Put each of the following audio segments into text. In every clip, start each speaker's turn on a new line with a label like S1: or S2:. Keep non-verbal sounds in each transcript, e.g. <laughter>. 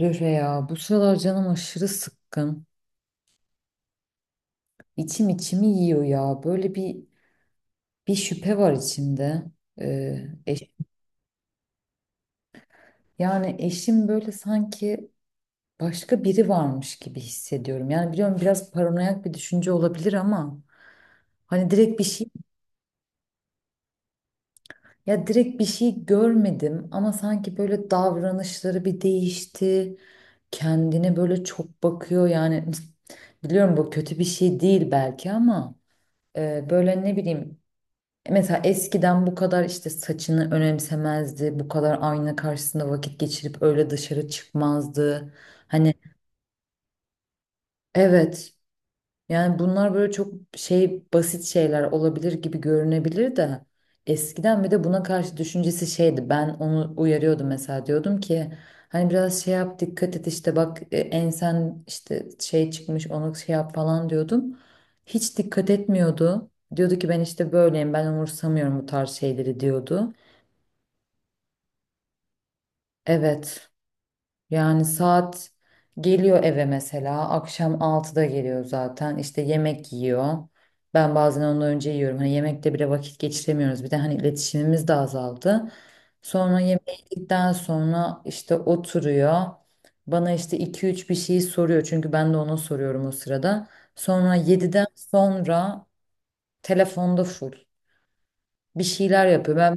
S1: Röre ya bu sıralar canım aşırı sıkkın. İçim içimi yiyor ya. Böyle bir şüphe var içimde. Ee, eş- Yani eşim böyle sanki başka biri varmış gibi hissediyorum. Yani biliyorum biraz paranoyak bir düşünce olabilir ama hani direkt bir şey ya direkt bir şey görmedim ama sanki böyle davranışları bir değişti. Kendine böyle çok bakıyor yani. <laughs> Biliyorum bu kötü bir şey değil belki ama böyle ne bileyim. Mesela eskiden bu kadar işte saçını önemsemezdi, bu kadar ayna karşısında vakit geçirip öyle dışarı çıkmazdı. Hani evet, yani bunlar böyle çok şey, basit şeyler olabilir gibi görünebilir de eskiden bir de buna karşı düşüncesi şeydi. Ben onu uyarıyordum, mesela diyordum ki hani biraz şey yap, dikkat et, işte bak ensen işte şey çıkmış, onu şey yap falan diyordum. Hiç dikkat etmiyordu. Diyordu ki ben işte böyleyim, ben umursamıyorum bu tarz şeyleri diyordu. Evet. Yani saat geliyor eve mesela. Akşam altıda geliyor zaten. İşte yemek yiyor. Ben bazen ondan önce yiyorum. Hani yemekte bile vakit geçiremiyoruz. Bir de hani iletişimimiz de azaldı. Sonra yemeği yedikten sonra işte oturuyor. Bana işte iki üç bir şey soruyor. Çünkü ben de ona soruyorum o sırada. Sonra yediden sonra telefonda full. Bir şeyler yapıyor. Ben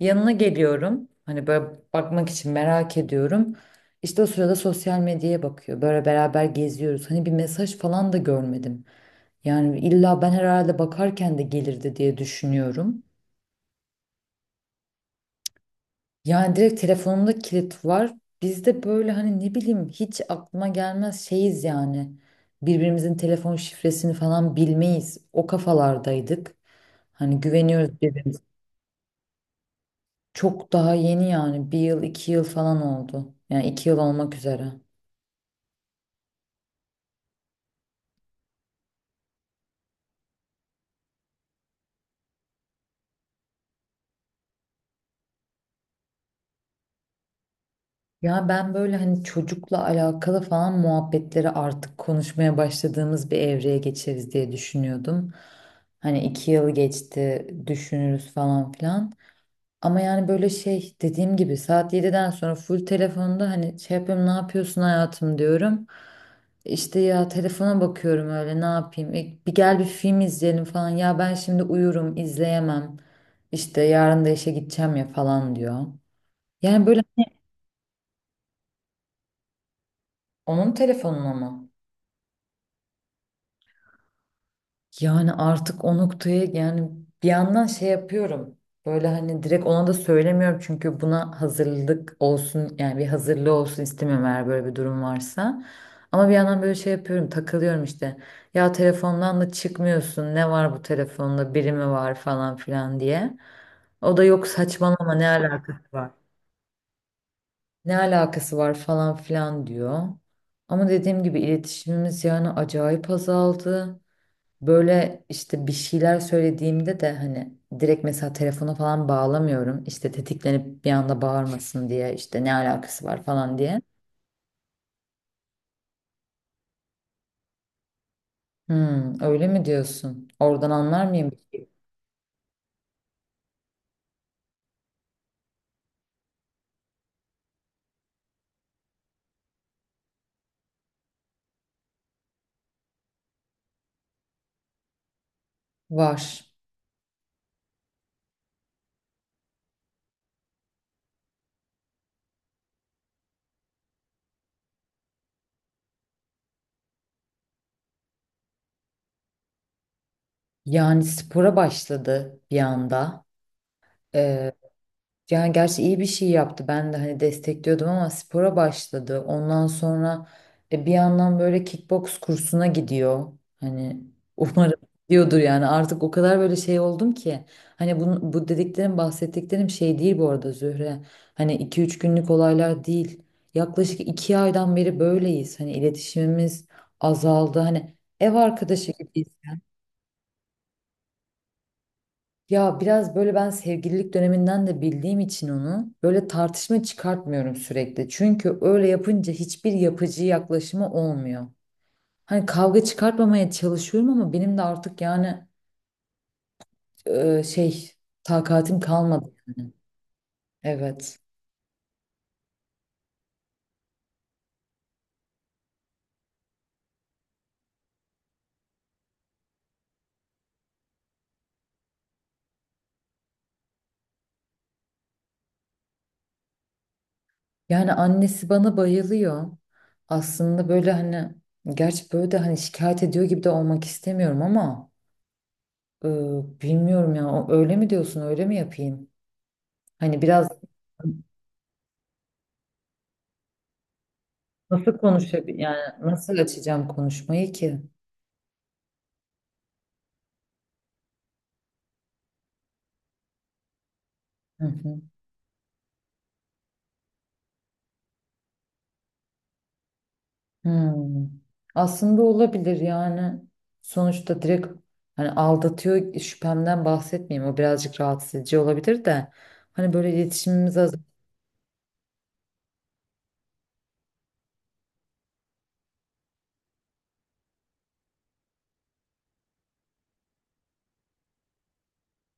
S1: yanına geliyorum. Hani böyle bakmak için merak ediyorum. İşte o sırada sosyal medyaya bakıyor. Böyle beraber geziyoruz. Hani bir mesaj falan da görmedim. Yani illa ben herhalde bakarken de gelirdi diye düşünüyorum. Yani direkt telefonumda kilit var. Biz de böyle hani ne bileyim hiç aklıma gelmez şeyiz yani. Birbirimizin telefon şifresini falan bilmeyiz. O kafalardaydık. Hani güveniyoruz birbirimize. Çok daha yeni yani bir yıl iki yıl falan oldu. Yani iki yıl olmak üzere. Ya ben böyle hani çocukla alakalı falan muhabbetleri artık konuşmaya başladığımız bir evreye geçeriz diye düşünüyordum. Hani iki yıl geçti düşünürüz falan filan. Ama yani böyle şey dediğim gibi saat 7'den sonra full telefonda, hani şey yapıyorum, ne yapıyorsun hayatım diyorum. İşte ya telefona bakıyorum, öyle ne yapayım. Bir gel bir film izleyelim falan, ya ben şimdi uyurum izleyemem. İşte yarın da işe gideceğim ya falan diyor. Yani böyle onun telefonuna mı? Yani artık o noktaya yani bir yandan şey yapıyorum. Böyle hani direkt ona da söylemiyorum çünkü buna hazırlık olsun, yani bir hazırlığı olsun istemiyorum eğer böyle bir durum varsa. Ama bir yandan böyle şey yapıyorum, takılıyorum işte. Ya telefondan da çıkmıyorsun, ne var bu telefonda, biri mi var falan filan diye. O da yok saçmalama, ne alaka, ne alakası var falan filan diyor. Ama dediğim gibi iletişimimiz yani acayip azaldı. Böyle işte bir şeyler söylediğimde de hani direkt mesela telefona falan bağlamıyorum. İşte tetiklenip bir anda bağırmasın diye işte ne alakası var falan diye. Hmm, öyle mi diyorsun? Oradan anlar mıyım? Var. Yani spora başladı bir anda. Yani gerçi iyi bir şey yaptı. Ben de hani destekliyordum ama spora başladı. Ondan sonra bir yandan böyle kickbox kursuna gidiyor. Hani <laughs> umarım diyordur yani artık o kadar böyle şey oldum ki. Hani bu dediklerim bahsettiklerim şey değil bu arada Zühre. Hani iki üç günlük olaylar değil. Yaklaşık 2 aydan beri böyleyiz. Hani iletişimimiz azaldı. Hani ev arkadaşı gibiyiz. Ya biraz böyle ben sevgililik döneminden de bildiğim için onu böyle tartışma çıkartmıyorum sürekli. Çünkü öyle yapınca hiçbir yapıcı yaklaşımı olmuyor. Hani kavga çıkartmamaya çalışıyorum ama benim de artık yani e, şey takatim kalmadı yani. Evet. Yani annesi bana bayılıyor. Aslında böyle hani, gerçi böyle de hani şikayet ediyor gibi de olmak istemiyorum ama e, bilmiyorum ya, öyle mi diyorsun, öyle mi yapayım? Hani biraz nasıl konuşabilir? Yani nasıl açacağım konuşmayı ki? Hı hı. Hmm. Aslında olabilir yani. Sonuçta direkt hani aldatıyor şüphemden bahsetmeyeyim. O birazcık rahatsız edici olabilir de. Hani böyle iletişimimiz az.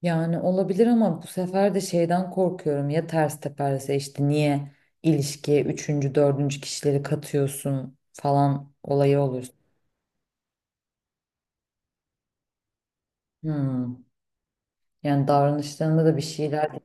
S1: Yani olabilir ama bu sefer de şeyden korkuyorum. Ya ters teperse işte niye ilişkiye üçüncü, dördüncü kişileri katıyorsun falan olayı olur. Hmm. Yani davranışlarında da bir şeyler.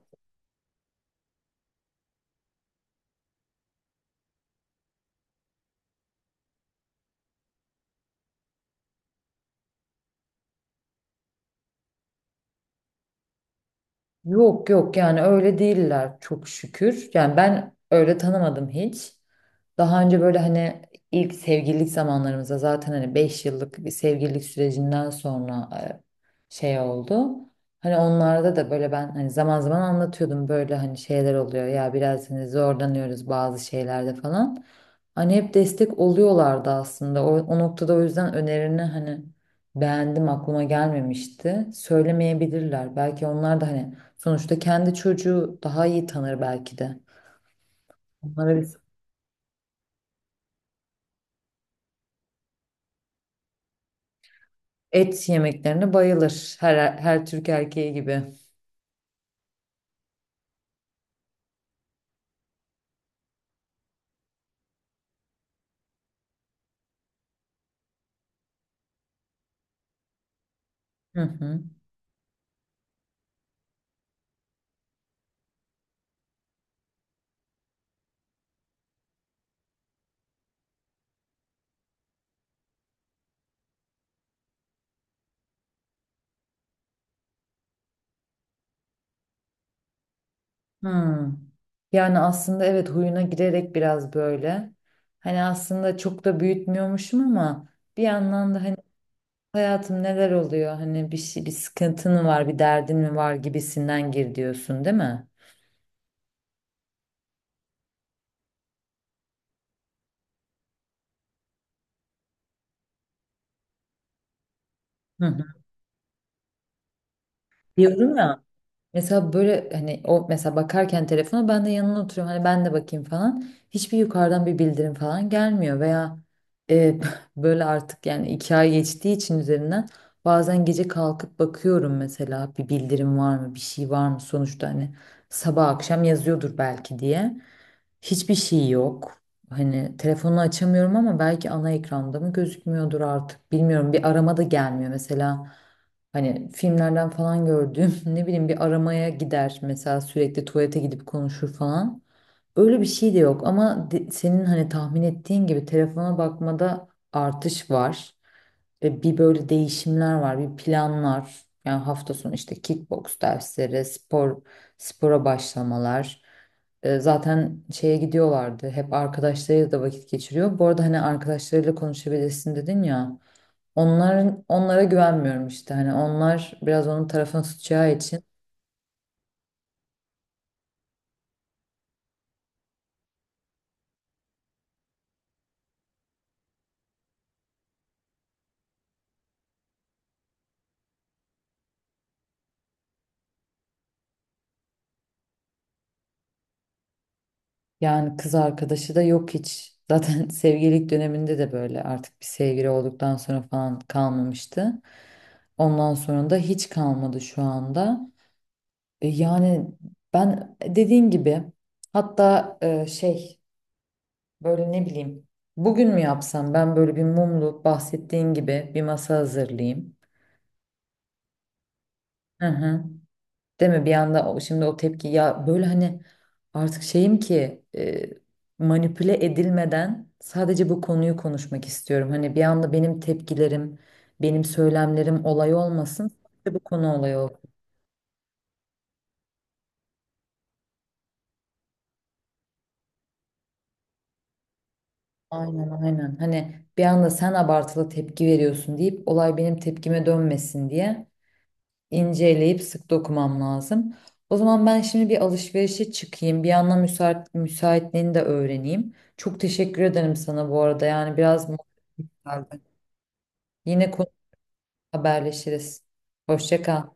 S1: Yok yok yani öyle değiller çok şükür. Yani ben öyle tanımadım hiç. Daha önce böyle hani ilk sevgililik zamanlarımızda zaten hani 5 yıllık bir sevgililik sürecinden sonra şey oldu. Hani onlarda da böyle ben hani zaman zaman anlatıyordum böyle hani şeyler oluyor ya biraz hani zorlanıyoruz bazı şeylerde falan. Hani hep destek oluyorlardı aslında. O noktada, o yüzden önerini hani beğendim, aklıma gelmemişti. Söylemeyebilirler. Belki onlar da hani sonuçta kendi çocuğu daha iyi tanır belki de. Onlara biz et yemeklerine bayılır her Türk erkeği gibi. Hı hı. Hı. Yani aslında evet, huyuna girerek biraz böyle. Hani aslında çok da büyütmüyormuşum ama bir yandan da hani hayatım neler oluyor? Hani bir şey, bir sıkıntın mı var, bir derdin mi var gibisinden gir diyorsun, değil mi? Hı hı. Diyorum ya. Mesela böyle hani o mesela bakarken telefona ben de yanına oturuyorum, hani ben de bakayım falan. Hiçbir yukarıdan bir bildirim falan gelmiyor veya e, <laughs> böyle artık yani iki ay geçtiği için üzerinden bazen gece kalkıp bakıyorum mesela, bir bildirim var mı bir şey var mı, sonuçta hani sabah akşam yazıyordur belki diye. Hiçbir şey yok. Hani telefonu açamıyorum ama belki ana ekranda mı gözükmüyordur artık. Bilmiyorum, bir arama da gelmiyor mesela. Hani filmlerden falan gördüğüm <laughs> ne bileyim bir aramaya gider mesela, sürekli tuvalete gidip konuşur falan. Öyle bir şey de yok ama senin hani tahmin ettiğin gibi telefona bakmada artış var. Ve bir böyle değişimler var, bir planlar. Yani hafta sonu işte kickbox dersleri, spora başlamalar. Zaten şeye gidiyorlardı. Hep arkadaşlarıyla da vakit geçiriyor. Bu arada hani arkadaşlarıyla konuşabilirsin dedin ya. Onların, onlara güvenmiyorum işte. Hani onlar biraz onun tarafını tutacağı için. Yani kız arkadaşı da yok hiç. Zaten <laughs> sevgililik döneminde de böyle artık bir sevgili olduktan sonra falan kalmamıştı. Ondan sonra da hiç kalmadı şu anda. Yani ben dediğin gibi, hatta böyle ne bileyim. Bugün mü yapsam ben böyle bir mumlu bahsettiğin gibi bir masa hazırlayayım. Hı hı. Değil mi? Bir anda şimdi o tepki ya, böyle hani artık şeyim ki manipüle edilmeden sadece bu konuyu konuşmak istiyorum. Hani bir anda benim tepkilerim, benim söylemlerim olay olmasın. Sadece bu konu olay olsun. Aynen aynen. Hani bir anda sen abartılı tepki veriyorsun deyip olay benim tepkime dönmesin diye. İnceleyip sık dokumam lazım. O zaman ben şimdi bir alışverişe çıkayım. Bir yandan müsaitliğini de öğreneyim. Çok teşekkür ederim sana bu arada. Yani biraz mutluyum. Yine konu haberleşiriz. Hoşça kal.